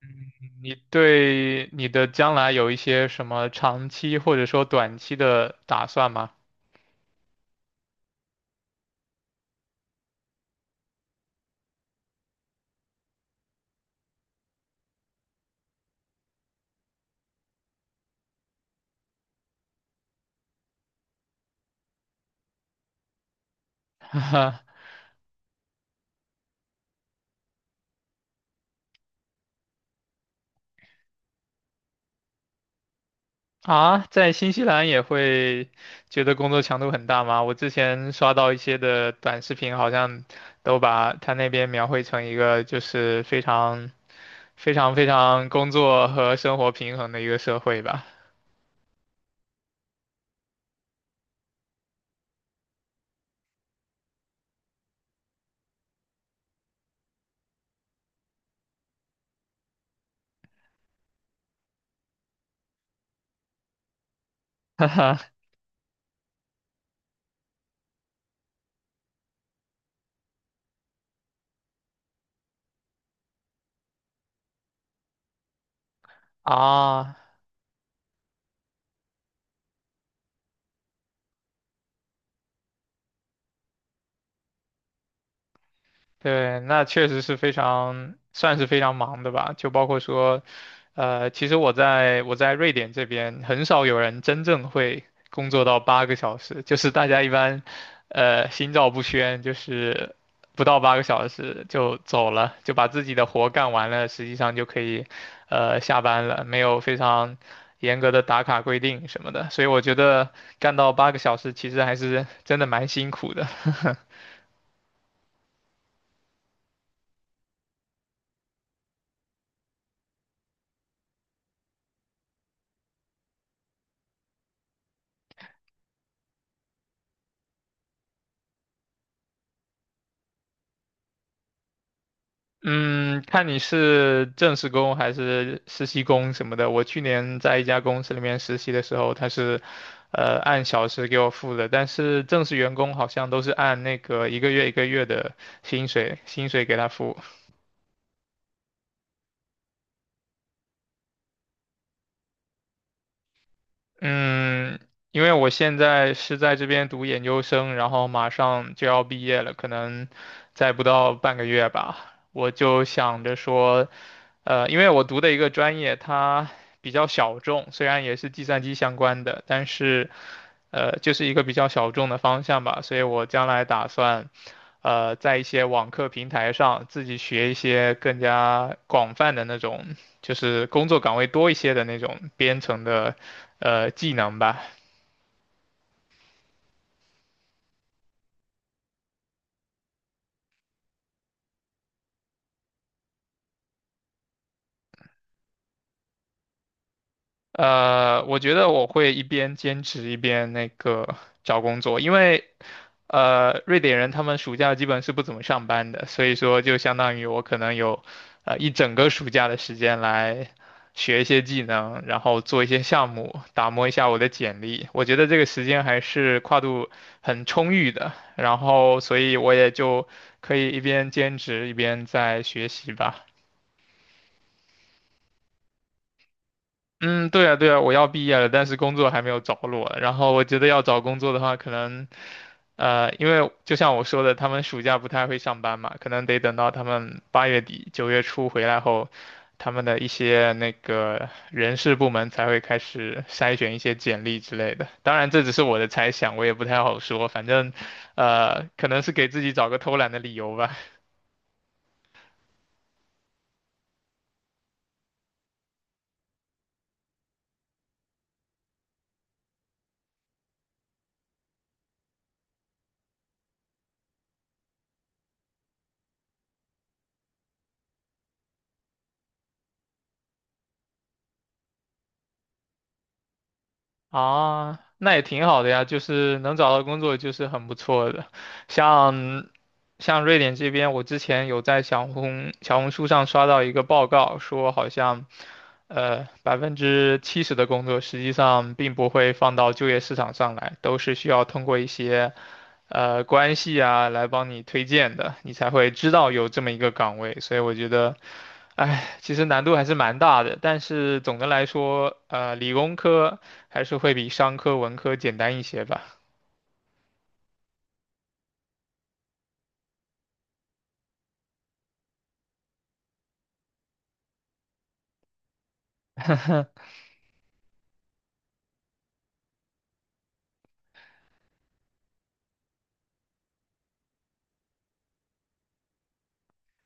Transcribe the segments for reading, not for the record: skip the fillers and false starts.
嗯，你对你的将来有一些什么长期或者说短期的打算吗？啊，在新西兰也会觉得工作强度很大吗？我之前刷到一些的短视频，好像都把他那边描绘成一个就是非常、非常、非常工作和生活平衡的一个社会吧。啊，对，那确实是非常，算是非常忙的吧。就包括说，其实我在瑞典这边，很少有人真正会工作到八个小时，就是大家一般，心照不宣，就是不到八个小时就走了，就把自己的活干完了，实际上就可以，下班了，没有非常严格的打卡规定什么的。所以我觉得干到八个小时，其实还是真的蛮辛苦的。嗯，看你是正式工还是实习工什么的。我去年在一家公司里面实习的时候，他是，按小时给我付的，但是正式员工好像都是按那个一个月一个月的薪水给他付。嗯，因为我现在是在这边读研究生，然后马上就要毕业了，可能再不到半个月吧，我就想着说，因为我读的一个专业它比较小众，虽然也是计算机相关的，但是。就是一个比较小众的方向吧，所以我将来打算，在一些网课平台上自己学一些更加广泛的那种，就是工作岗位多一些的那种编程的，技能吧。我觉得我会一边兼职一边那个找工作，因为瑞典人他们暑假基本是不怎么上班的，所以说就相当于我可能有一整个暑假的时间来学一些技能，然后做一些项目，打磨一下我的简历。我觉得这个时间还是跨度很充裕的，然后所以我也就可以一边兼职一边在学习吧。嗯，对啊，对啊，我要毕业了，但是工作还没有着落。然后我觉得要找工作的话，可能，因为就像我说的，他们暑假不太会上班嘛，可能得等到他们八月底、九月初回来后，他们的一些那个人事部门才会开始筛选一些简历之类的。当然，这只是我的猜想，我也不太好说。反正，可能是给自己找个偷懒的理由吧。啊，那也挺好的呀，就是能找到工作就是很不错的。像像瑞典这边，我之前有在小红书上刷到一个报告，说好像百分之七十的工作实际上并不会放到就业市场上来，都是需要通过一些关系啊来帮你推荐的，你才会知道有这么一个岗位。所以我觉得哎，其实难度还是蛮大的，但是总的来说，理工科还是会比商科、文科简单一些吧。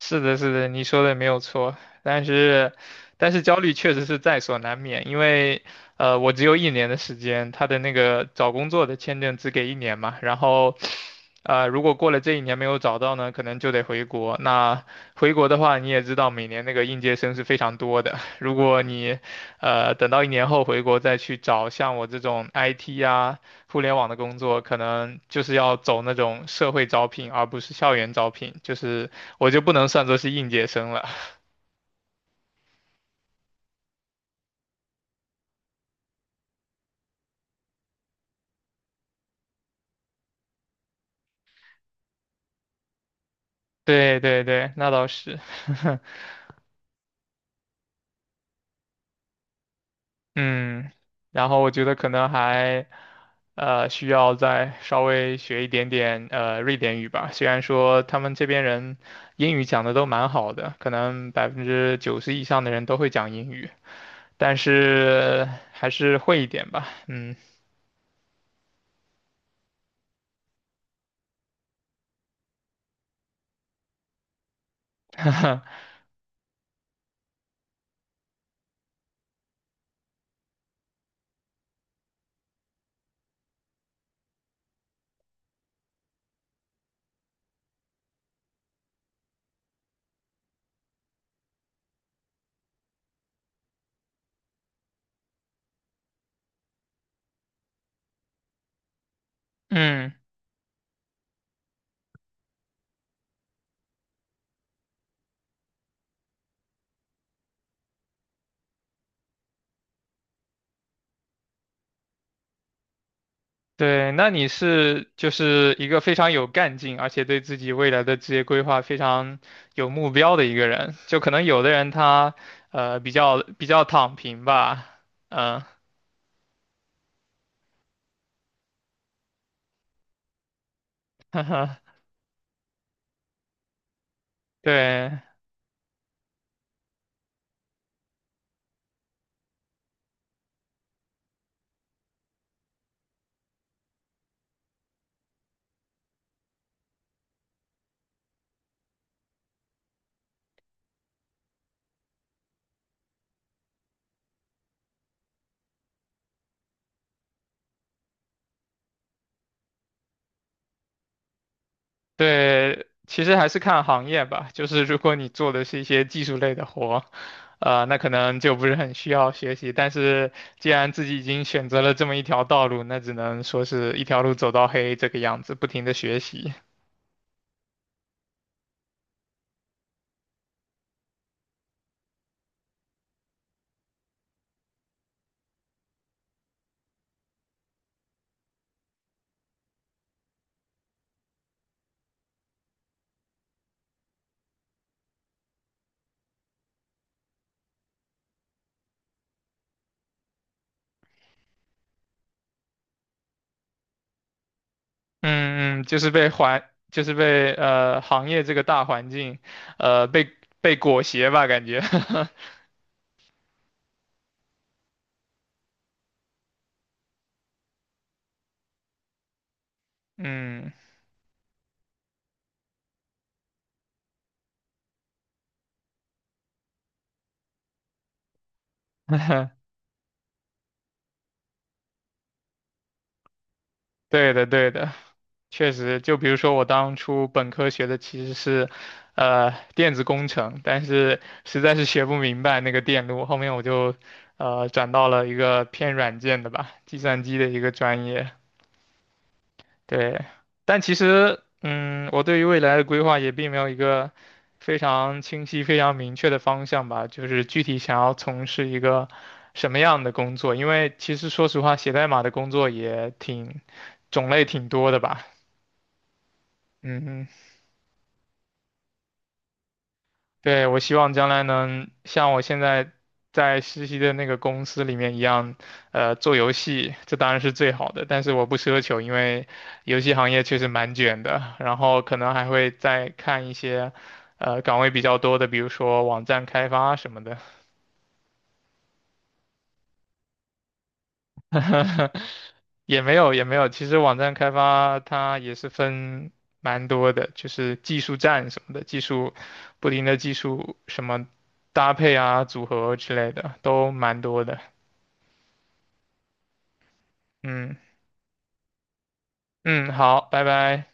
是的，是的，你说的没有错，但是，但是焦虑确实是在所难免，因为，我只有一年的时间，他的那个找工作的签证只给一年嘛，然后，如果过了这一年没有找到呢，可能就得回国。那回国的话，你也知道，每年那个应届生是非常多的，如果你，等到一年后回国再去找像我这种 IT 啊、互联网的工作，可能就是要走那种社会招聘，而不是校园招聘，就是。我就不能算作是应届生了。对对对，那倒是，嗯，然后我觉得可能还，需要再稍微学一点点瑞典语吧。虽然说他们这边人英语讲的都蛮好的，可能百分之九十以上的人都会讲英语，但是还是会一点吧，嗯。 嗯。对，那你是就是一个非常有干劲，而且对自己未来的职业规划非常有目标的一个人。就可能有的人他比较躺平吧，嗯，对对，其实还是看行业吧。就是如果你做的是一些技术类的活，那可能就不是很需要学习。但是既然自己已经选择了这么一条道路，那只能说是一条路走到黑这个样子，不停的学习。嗯嗯，就是被环，就是被行业这个大环境，呃被被裹挟吧，感觉。嗯，对的对的，确实，就比如说我当初本科学的其实是，电子工程，但是实在是学不明白那个电路，后面我就转到了一个偏软件的吧，计算机的一个专业。对，但其实，嗯，我对于未来的规划也并没有一个非常清晰、非常明确的方向吧，就是具体想要从事一个什么样的工作，因为其实说实话，写代码的工作也挺种类挺多的吧，嗯，对，我希望将来能像我现在在实习的那个公司里面一样，做游戏，这当然是最好的。但是我不奢求，因为游戏行业确实蛮卷的。然后可能还会再看一些，岗位比较多的，比如说网站开发什么的。也没有也没有，其实网站开发它也是分蛮多的，就是技术栈什么的，技术不停的技术什么搭配啊、组合之类的都蛮多的。嗯嗯，好，拜拜。